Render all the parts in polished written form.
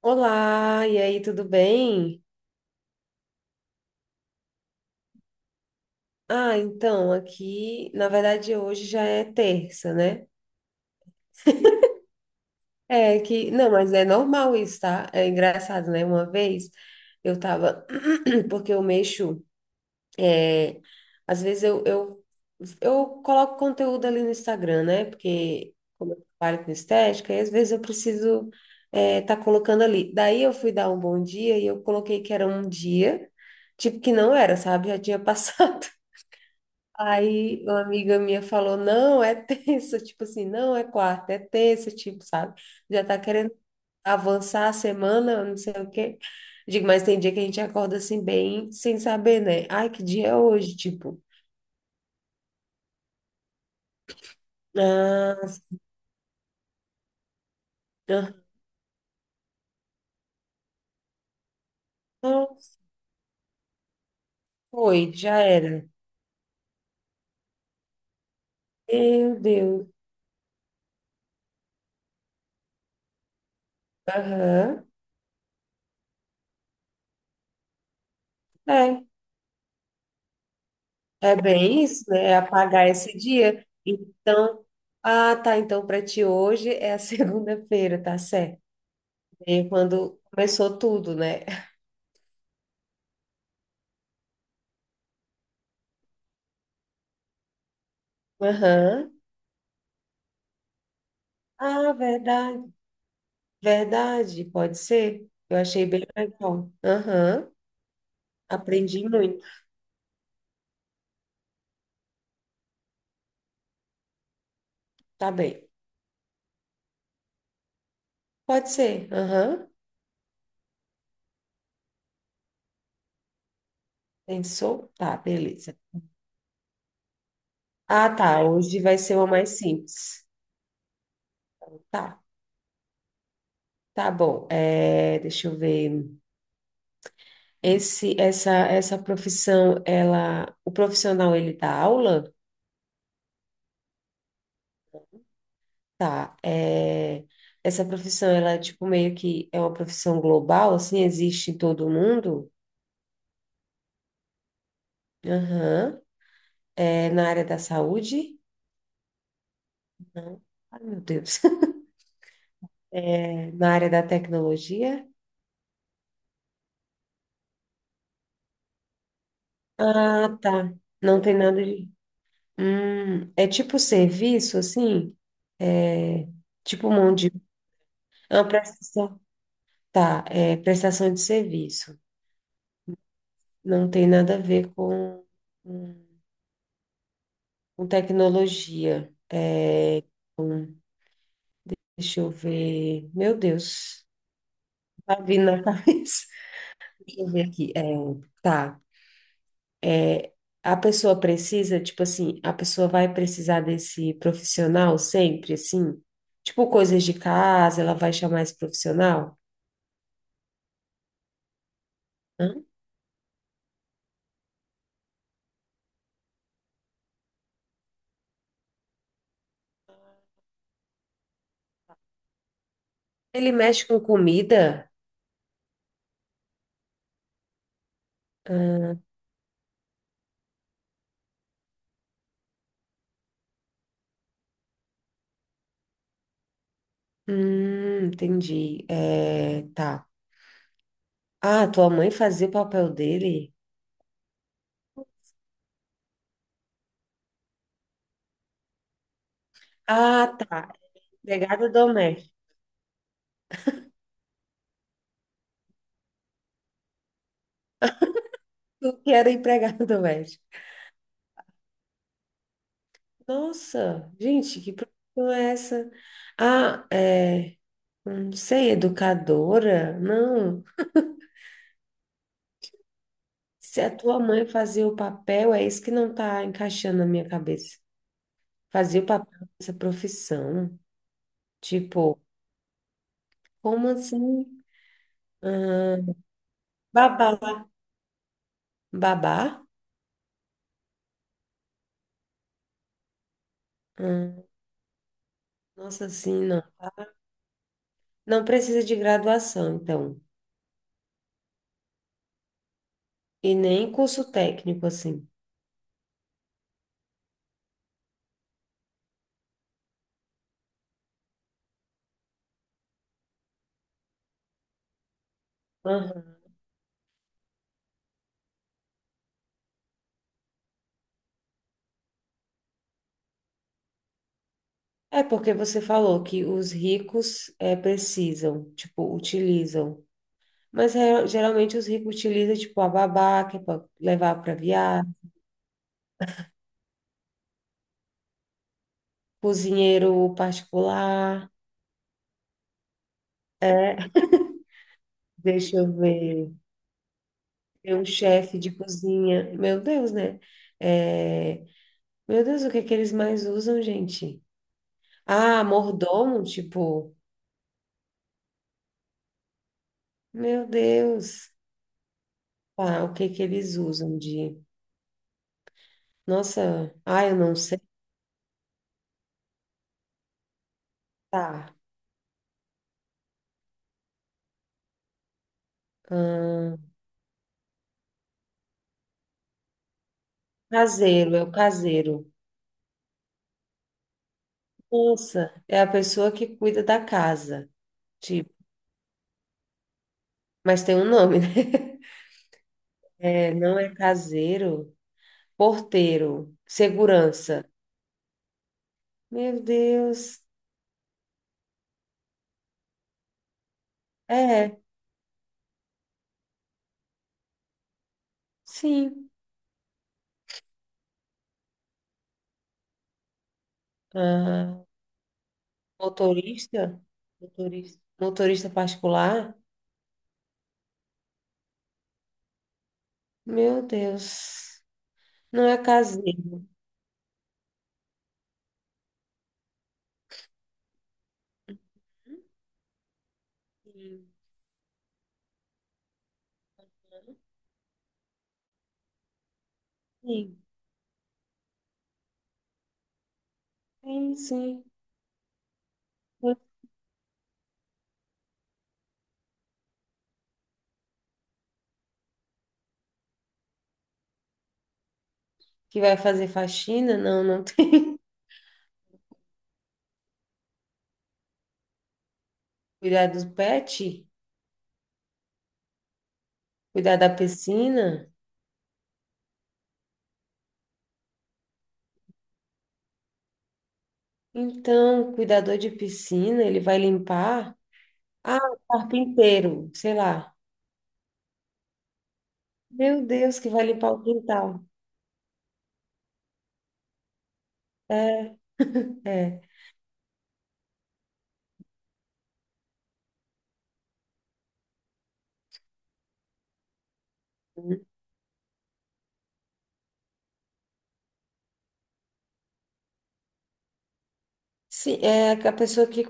Olá, e aí, tudo bem? Então, aqui, na verdade, hoje já é terça, né? É que, não, mas é normal isso, tá? É engraçado, né? Uma vez eu tava, porque eu mexo, é, às vezes eu coloco conteúdo ali no Instagram, né? Porque como eu trabalho com estética, e às vezes eu preciso tá colocando ali. Daí eu fui dar um bom dia e eu coloquei que era um dia, tipo que não era, sabe? Já tinha passado. Aí uma amiga minha falou, não, é terça, tipo assim, não é quarta, é terça, tipo, sabe? Já tá querendo avançar a semana, não sei o quê. Digo, mas tem dia que a gente acorda assim bem sem saber, né? Ai, que dia é hoje? Tipo, ah, aham, foi, já era. Meu Deus. Aham. É, é bem isso, né? É apagar esse dia. Então, ah, tá, então para ti hoje é a segunda-feira, tá certo? E quando começou tudo, né? Aham. Ah, verdade. Verdade, pode ser. Eu achei bem legal. Aham. Aprendi muito. Tá bem. Pode ser. Aham. Pensou? Tá, beleza. Ah, tá. Hoje vai ser uma mais simples. Tá. Tá bom. É, deixa eu ver. Essa profissão, ela, o profissional, ele dá aula? Tá, é, essa profissão, ela é tipo meio que é uma profissão global, assim, existe em todo mundo? Aham. É na área da saúde? Não. Ai, meu Deus. É na área da tecnologia? Ah, tá. Não tem nada de... é tipo serviço, assim? É tipo mão de... É uma prestação... Tá, é prestação de serviço. Não tem nada a ver com, com com tecnologia. Deixa eu ver. Meu Deus, tá vindo na cabeça. Deixa eu ver aqui. É, tá. A pessoa precisa, tipo assim, a pessoa vai precisar desse profissional sempre, assim? Tipo, coisas de casa, ela vai chamar esse profissional? Hã? Ele mexe com comida? Entendi. É, tá. Ah, tua mãe fazia o papel dele? Ah, tá. Empregada doméstica. Tu que era empregada doméstica. Nossa, gente, que profissão é essa? Ah, é, não sei, educadora? Não. Se a tua mãe fazia o papel, é isso que não tá encaixando na minha cabeça. Fazia o papel dessa profissão. Tipo, como assim? Babá. Babá? Hum, nossa, assim, não. Não precisa de graduação, então. E nem curso técnico, assim. Aham. É porque você falou que os ricos é, precisam, tipo, utilizam. Mas é, geralmente os ricos utilizam, tipo, a babá, que é para levar para viagem, cozinheiro particular, deixa eu ver, tem um chefe de cozinha. Meu Deus, né? É, meu Deus, o que é que eles mais usam, gente? Ah, mordomo, tipo, meu Deus. Tá, o que é que eles usam de... Nossa, ah, eu não sei, tá. Hum, caseiro, é o caseiro. Nossa, é a pessoa que cuida da casa, tipo, mas tem um nome, né? É, não é caseiro, porteiro, segurança. Meu Deus. É, sim. Ah, motorista? Motorista, motorista particular? Meu Deus. Não é caseiro. Sim, sim, sim. Que vai fazer faxina? Não, não tem. Cuidar do pet? Cuidar da piscina? Então, cuidador de piscina, ele vai limpar? Ah, o carpinteiro, sei lá. Meu Deus, que vai limpar o quintal. É, é. Sim, é a pessoa que.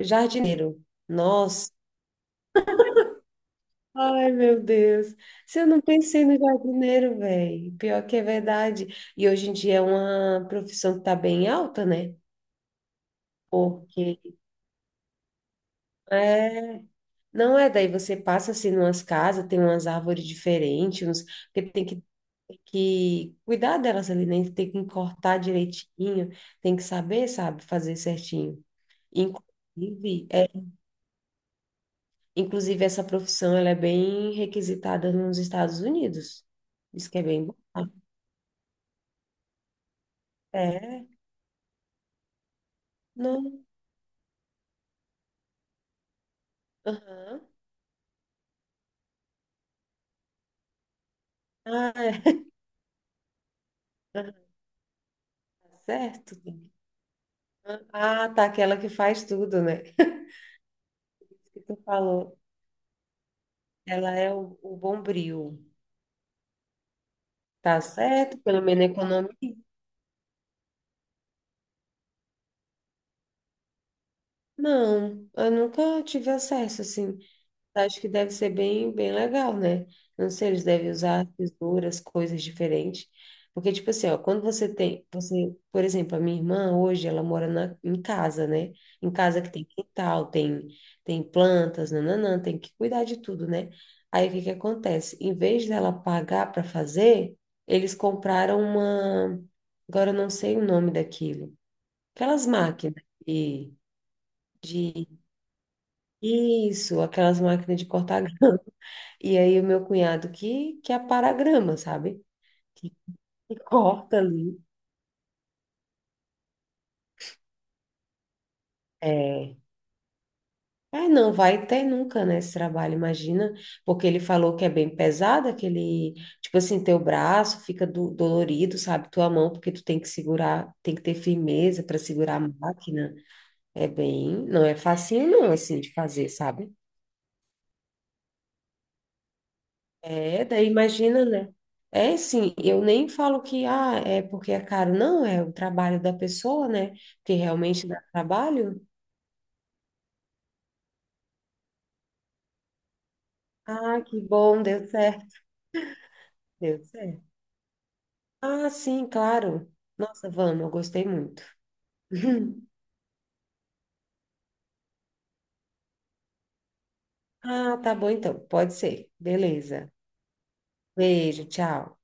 Jardineiro. Nossa. Ai, meu Deus. Se eu não pensei no jardineiro, velho. Pior que é verdade. E hoje em dia é uma profissão que tá bem alta, né? Porque é, não é daí você passa assim numas casas, tem umas árvores diferentes, uns, porque tem que cuidar delas ali, né? Tem que cortar direitinho, tem que saber, sabe, fazer certinho. Inclusive, é, inclusive essa profissão ela é bem requisitada nos Estados Unidos. Isso que é bem bom. É, não. Aham. Ah, é. Aham, tá certo. Ah, tá, aquela que faz tudo, né? Isso que tu falou. Ela é o bombril. Tá certo? Pelo menos economia. Não, eu nunca tive acesso, assim. Acho que deve ser bem, bem legal, né? Não sei, eles devem usar tesouras, coisas diferentes. Porque, tipo assim, ó, quando você tem, você, por exemplo, a minha irmã hoje, ela mora na, em casa, né? Em casa que tem quintal, tem, tem plantas, nananã, tem que cuidar de tudo, né? Aí o que que acontece? Em vez dela pagar para fazer, eles compraram uma, agora eu não sei o nome daquilo, aquelas máquinas de isso, aquelas máquinas de cortar E aí o meu cunhado que apara a grama, sabe? Que, que corta ali. É. É, não vai ter nunca, né, esse trabalho, imagina, porque ele falou que é bem pesado, aquele, tipo assim, teu braço fica dolorido, sabe, tua mão, porque tu tem que segurar, tem que ter firmeza para segurar a máquina, é bem, não é facinho não, assim, de fazer, sabe? É, daí imagina, né? É sim, eu nem falo que ah, é porque é caro, não, é o trabalho da pessoa, né? Que realmente dá trabalho. Ah, que bom, deu certo. Ah, sim, claro. Nossa, vamos, eu gostei muito. Ah, tá bom então, pode ser. Beleza. Beijo, tchau.